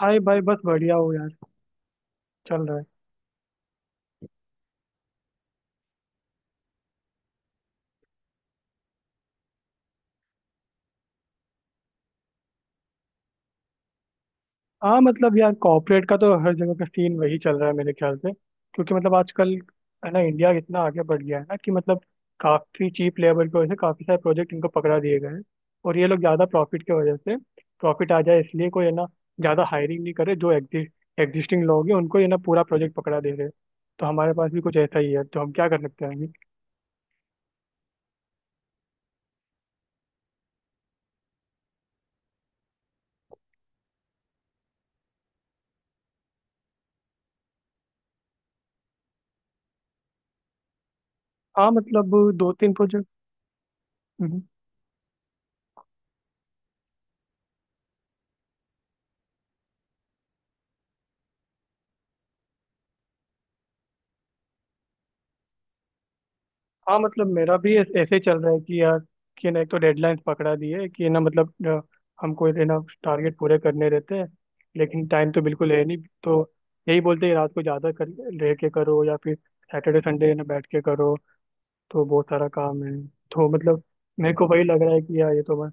हाय भाई, बस बढ़िया हो यार। चल रहा है। हाँ मतलब यार, कॉर्पोरेट का तो हर जगह का सीन वही चल रहा है मेरे ख्याल से। क्योंकि मतलब आजकल है ना इंडिया इतना आगे बढ़ गया है ना कि मतलब काफ़ी चीप लेबर की वजह से काफ़ी सारे प्रोजेक्ट इनको पकड़ा दिए गए हैं। और ये लोग ज़्यादा प्रॉफिट की वजह से, प्रॉफिट आ जाए इसलिए, कोई है ना ज़्यादा हायरिंग नहीं करे। जो एग्जिस्टिंग लोग हैं उनको ये ना पूरा प्रोजेक्ट पकड़ा दे रहे हैं। तो हमारे पास भी कुछ ऐसा ही है। तो हम क्या कर सकते हैं आगे? हाँ मतलब दो तीन प्रोजेक्ट। हाँ मतलब मेरा भी ऐसे ही चल रहा है कि यार, कि ना एक तो डेडलाइंस पकड़ा दी है कि ना मतलब हमको ये ना टारगेट पूरे करने रहते हैं लेकिन टाइम तो बिल्कुल है नहीं। तो यही बोलते हैं रात को ज़्यादा कर रह के करो या फिर सैटरडे संडे ना बैठ के करो। तो बहुत सारा काम है। तो मतलब मेरे को वही लग रहा है कि यार ये तो बस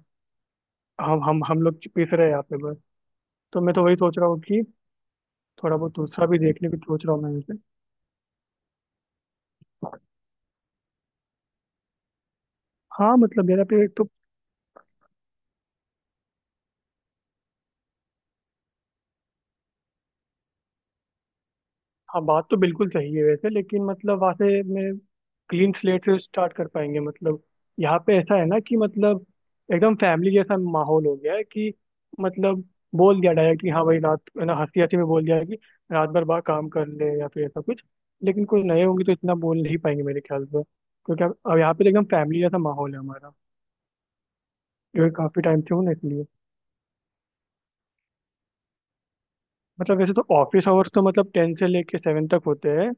हम लोग पिस रहे हैं यहाँ पे बस। तो मैं तो वही सोच रहा हूँ कि थोड़ा बहुत दूसरा भी देखने की सोच रहा हूँ मैं वैसे। हाँ मतलब मेरा पे एक तो हाँ बात तो बिल्कुल सही है वैसे, लेकिन मतलब वहाँ से मैं क्लीन स्लेट से स्टार्ट कर पाएंगे। मतलब यहाँ पे ऐसा है ना कि मतलब एकदम फैमिली जैसा माहौल हो गया है कि मतलब बोल दिया डायरेक्ट कि हाँ भाई, रात है ना, हंसी हंसी में बोल दिया कि रात भर बाहर काम कर ले या फिर ऐसा कुछ। लेकिन कोई नए होंगे तो इतना बोल नहीं पाएंगे मेरे ख्याल से क्योंकि अब यहाँ पे तो एकदम फैमिली जैसा माहौल है हमारा। क्योंकि काफ़ी टाइम से हूँ ना इसलिए। मतलब वैसे तो ऑफिस आवर्स तो मतलब टेन से लेके सेवन तक होते हैं।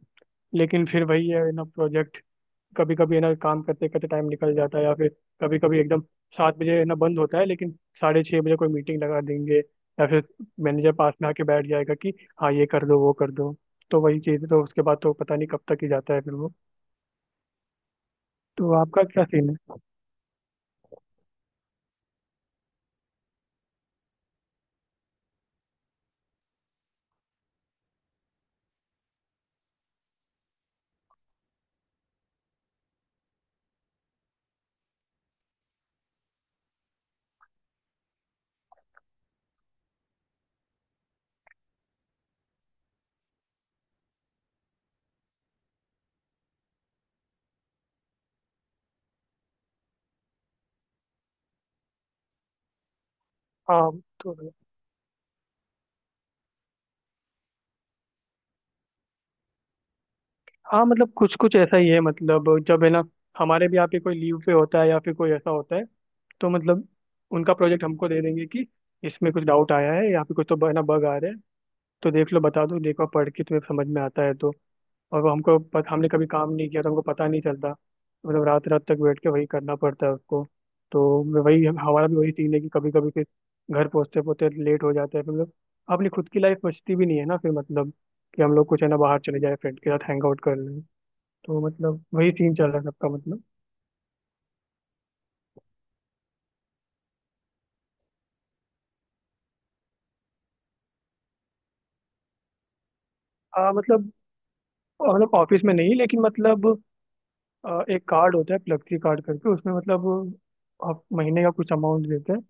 लेकिन फिर वही है ना प्रोजेक्ट, कभी कभी है ना काम करते करते टाइम निकल जाता है या फिर कभी कभी एकदम सात बजे है ना बंद होता है लेकिन साढ़े छः बजे कोई मीटिंग लगा देंगे या फिर मैनेजर पास में आके बैठ जाएगा कि हाँ ये कर दो वो कर दो। तो वही चीज़ है, तो उसके बाद तो पता नहीं कब तक ही जाता है फिर वो। तो आपका क्या सीन है? हाँ। तो हाँ मतलब कुछ कुछ ऐसा ही है। मतलब जब है ना हमारे भी यहाँ पे कोई लीव पे होता है या फिर कोई ऐसा होता है तो मतलब उनका प्रोजेक्ट हमको दे देंगे कि इसमें कुछ डाउट आया है, यहाँ पे कुछ तो है ना बग आ रहे हैं, तो देख लो बता दो, देखो पढ़ के तुम्हें समझ में आता है तो। और वो हमको हमने कभी काम नहीं किया तो हमको पता नहीं चलता। मतलब रात रात तक बैठ के वही करना पड़ता है उसको। तो मैं वही हमारा भी वही सीन है कि कभी कभी फिर घर पहुंचते पहुंचते लेट हो जाता है। मतलब अपनी खुद की लाइफ बचती भी नहीं है ना फिर मतलब, कि हम लोग कुछ है ना बाहर चले जाए, फ्रेंड के साथ हैंग आउट कर लें। तो मतलब वही सीन चल रहा है सबका मतलब। मतलब मतलब ऑफिस में नहीं लेकिन मतलब एक कार्ड होता है फ्लेक्सी कार्ड करके, उसमें मतलब आप महीने का कुछ अमाउंट देते हैं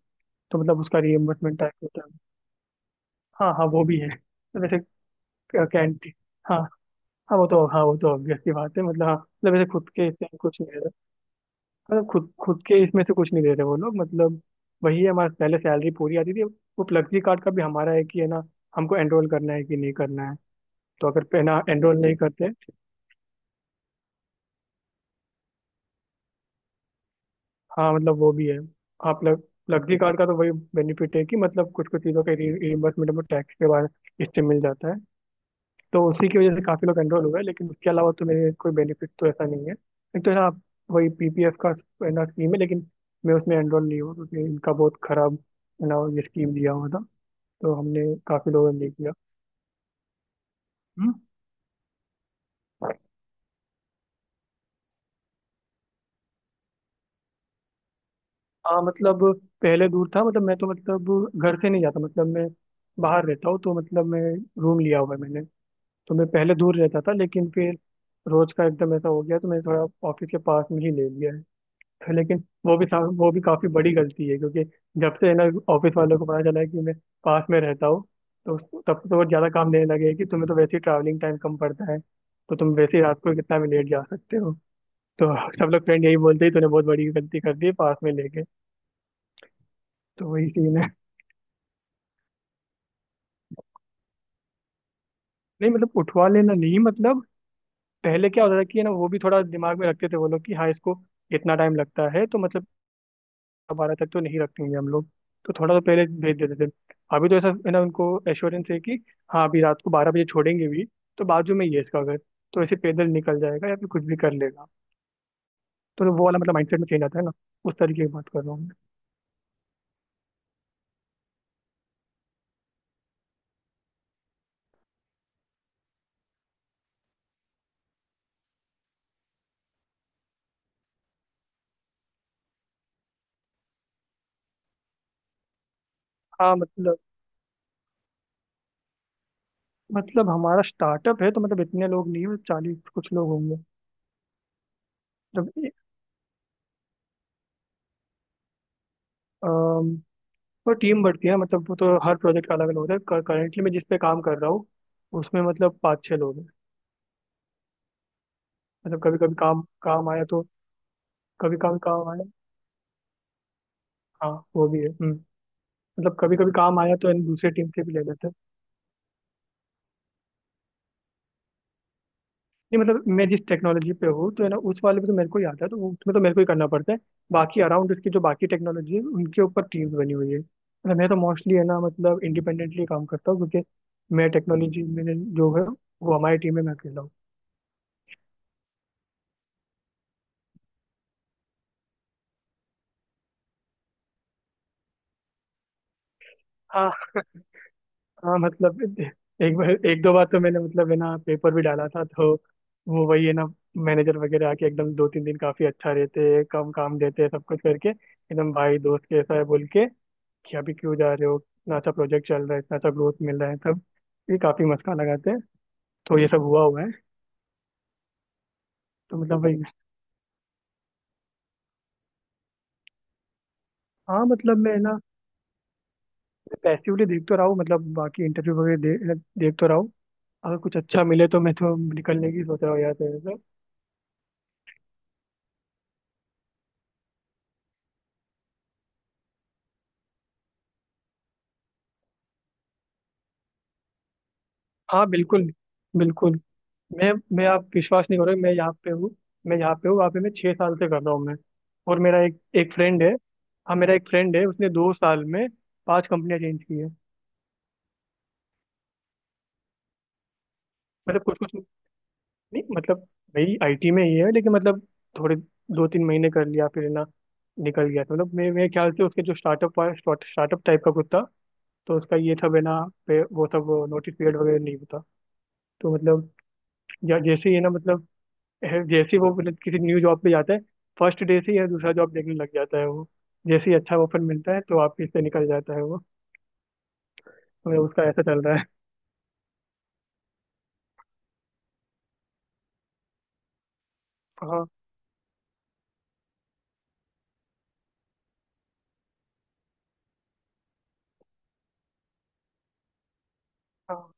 तो मतलब उसका रिएम्बर्समेंट टाइप होता है। हाँ हाँ वो भी है तो वैसे कैंटीन। हाँ हाँ वो तो, हाँ वो तो ऑब्वियस सी बात है मतलब, हाँ मतलब ऐसे खुद के इससे कुछ नहीं दे रहे। मतलब खुद खुद के इसमें से कुछ नहीं दे रहे वो लोग मतलब। वही है हमारा पहले सैलरी पूरी आती थी। वो फ्लेक्सी कार्ड का भी हमारा है कि है ना हमको एनरोल करना है कि नहीं करना है। तो अगर पे ना एनरोल नहीं करते। हाँ मतलब वो भी है। हाँ प्लग फ्लेक्सी कार्ड का तो वही बेनिफिट है कि मतलब कुछ कुछ चीज़ों के रिइम्बर्समेंट में टैक्स के बाद इससे मिल जाता है। तो उसी की वजह से काफ़ी लोग एनरोल हुए लेकिन उसके अलावा तो मेरे कोई बेनिफिट तो ऐसा नहीं है। एक तो है ना वही पीपीएफ का है ना स्कीम है लेकिन मैं उसमें एनरोल नहीं हुआ क्योंकि इनका बहुत खराब है ना ये स्कीम दिया हुआ था। तो हमने काफ़ी लोगों ने नहीं किया। हम्म। हाँ मतलब पहले दूर था मतलब मैं तो मतलब घर से नहीं जाता, मतलब मैं बाहर रहता हूँ, तो मतलब मैं रूम लिया हुआ है मैंने। तो मैं पहले दूर रहता था लेकिन फिर रोज का एकदम ऐसा हो गया तो मैंने थोड़ा ऑफिस के पास में ही ले लिया है। तो लेकिन वो भी वो भी काफी बड़ी गलती है क्योंकि जब से है ना ऑफिस वालों को पता चला है कि मैं पास में रहता हूँ, तो तब से तो वो ज्यादा काम देने लगे हैं कि तुम्हें तो वैसे ही ट्रैवलिंग टाइम कम पड़ता है तो तुम वैसे ही रात को कितना भी लेट जा सकते हो। तो सब लोग फ्रेंड यही बोलते हैं तूने बहुत बड़ी गलती कर दी है पास में लेके। तो वही सीन है। नहीं मतलब उठवा लेना नहीं, मतलब पहले क्या होता था कि है ना वो भी थोड़ा दिमाग में रखते थे वो लोग कि हाँ इसको इतना टाइम लगता है तो मतलब बारह तक तो नहीं रखेंगे हम लोग, तो थोड़ा तो पहले भेज देते थे। अभी तो ऐसा है ना उनको एश्योरेंस है कि हाँ अभी रात को बारह बजे छोड़ेंगे भी तो बाजू में ही है इसका घर, तो ऐसे पैदल निकल जाएगा या फिर कुछ भी कर लेगा। तो वो वाला मतलब माइंडसेट में चेंज आता है ना, उस तरीके की बात कर रहा हूँ मैं। हाँ मतलब, मतलब हमारा स्टार्टअप है तो मतलब इतने लोग नहीं है, चालीस कुछ लोग होंगे। जब अम, वो टीम बढ़ती है मतलब वो तो हर प्रोजेक्ट का अलग अलग होता है। करेंटली मैं जिस पे काम कर रहा हूँ उसमें मतलब पाँच छः लोग हैं। मतलब कभी कभी काम काम आया तो कभी कभी काम आया। हाँ वो भी है। हम्म। मतलब कभी कभी काम आया तो है ना दूसरी टीम से भी ले लेते हैं। नहीं मतलब मैं जिस टेक्नोलॉजी पे हूँ तो है ना उस वाले पे तो मेरे को ही आता है तो उसमें तो मेरे को ही करना पड़ता है। बाकी अराउंड उसकी जो बाकी टेक्नोलॉजी है उनके ऊपर टीम्स बनी हुई है। मतलब मैं तो मोस्टली है ना मतलब इंडिपेंडेंटली काम करता हूँ क्योंकि मैं टेक्नोलॉजी में जो है वो हमारी टीम में मैं अकेला हूँ। हाँ मतलब एक बार एक दो बार तो मैंने मतलब है ना पेपर भी डाला था तो वो वही है ना मैनेजर वगैरह आके एकदम दो तीन दिन काफी अच्छा रहते हैं, कम काम देते हैं, सब कुछ करके एकदम भाई दोस्त कैसा है बोल के कि अभी क्यों जा रहे हो, इतना अच्छा प्रोजेक्ट चल रहा है, इतना अच्छा ग्रोथ मिल रहा है सब। ये काफी मस्का लगाते हैं। तो ये सब हुआ हुआ है। तो मतलब वही। हाँ मतलब मैं ना पैसिवली देख तो रहा हूँ मतलब बाकी इंटरव्यू वगैरह देख तो रहा हूँ। अगर कुछ अच्छा मिले तो मैं तो निकलने की सोच रहा हूँ यार तेरे से। हाँ बिल्कुल बिल्कुल। मैं मैं आप विश्वास नहीं करोगे, मैं यहाँ पे हूँ, मैं यहाँ पे हूँ, वहाँ पे मैं छः साल से कर रहा हूँ मैं, और मेरा एक एक फ्रेंड है। हाँ मेरा एक फ्रेंड है, उसने दो साल में पांच कंपनियां चेंज की है। मतलब कुछ कुछ नहीं मतलब मेरी आईटी में ही है लेकिन मतलब थोड़े दो तीन महीने कर लिया फिर ना निकल गया था। मतलब मे मेरे ख्याल से उसके जो स्टार्टअप स्टार्टअप टाइप का कुछ था, तो उसका ये था बिना पे वो सब नोटिस पीरियड वगैरह नहीं होता। तो मतलब या जैसे ही है ना मतलब जैसे ही वो अपने किसी न्यू जॉब पे जाता है, फर्स्ट डे से ही या दूसरा जॉब देखने लग जाता है वो। जैसे ही अच्छा ऑफर मिलता है तो वापिस से निकल जाता है वो। तो उसका ऐसा चल रहा है। हाँ हाँ।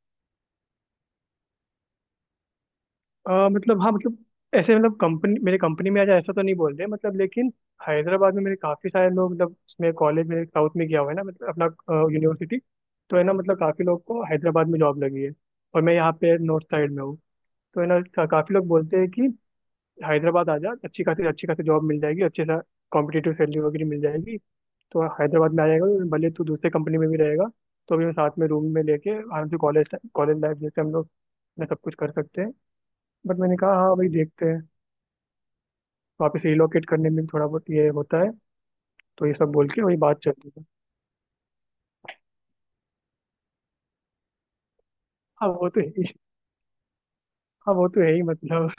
मतलब हाँ मतलब ऐसे मतलब कंपनी मेरे कंपनी में आज ऐसा तो नहीं बोल रहे मतलब, लेकिन हैदराबाद में मेरे काफ़ी सारे लोग मतलब, मैं कॉलेज में साउथ में गया हुआ है ना मतलब अपना यूनिवर्सिटी। तो है ना मतलब काफ़ी लोग को हैदराबाद में जॉब लगी है, और मैं यहाँ पे नॉर्थ साइड में हूँ। तो है ना काफ़ी लोग बोलते हैं कि हैदराबाद आ जा, अच्छी खासी जॉब मिल जाएगी, अच्छे सा कॉम्पिटिटिव सैलरी वगैरह मिल जाएगी। तो हैदराबाद में आ जाएगा तो भले तू दूसरे कंपनी में भी रहेगा तो भी हम साथ में रूम में लेके आराम से कॉलेज कॉलेज लाइफ जैसे हम लोग अपना सब कुछ कर सकते हैं। बट मैंने कहा हाँ भाई देखते हैं। वापस रिलोकेट करने में भी थोड़ा बहुत ये होता है, तो ये सब बोल के वही बात चलती है। हाँ वो तो है ही। हाँ वो तो है ही मतलब,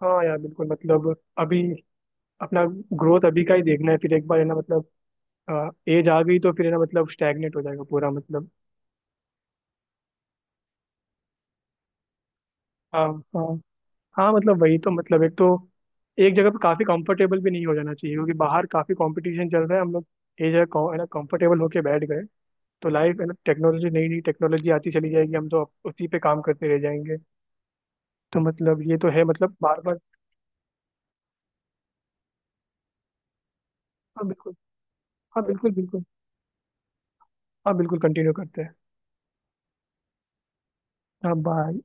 हाँ यार बिल्कुल मतलब अभी अपना ग्रोथ अभी का ही देखना है। फिर एक बार है ना मतलब एज आ गई तो फिर है ना मतलब स्टैग्नेट हो जाएगा पूरा मतलब। हाँ हाँ। हाँ मतलब वही तो मतलब, एक तो एक जगह पे काफी कंफर्टेबल भी नहीं हो जाना चाहिए क्योंकि बाहर काफी कंपटीशन चल रहा है, हम लोग एक जगह है ना कंफर्टेबल होके बैठ गए तो लाइफ है ना, टेक्नोलॉजी नई नई टेक्नोलॉजी आती चली जाएगी, हम तो अब उसी पे काम करते रह जाएंगे। तो मतलब ये तो है मतलब बार बार। हाँ बिल्कुल। हाँ बिल्कुल बिल्कुल। हाँ बिल्कुल कंटिन्यू करते हैं। हाँ बाय।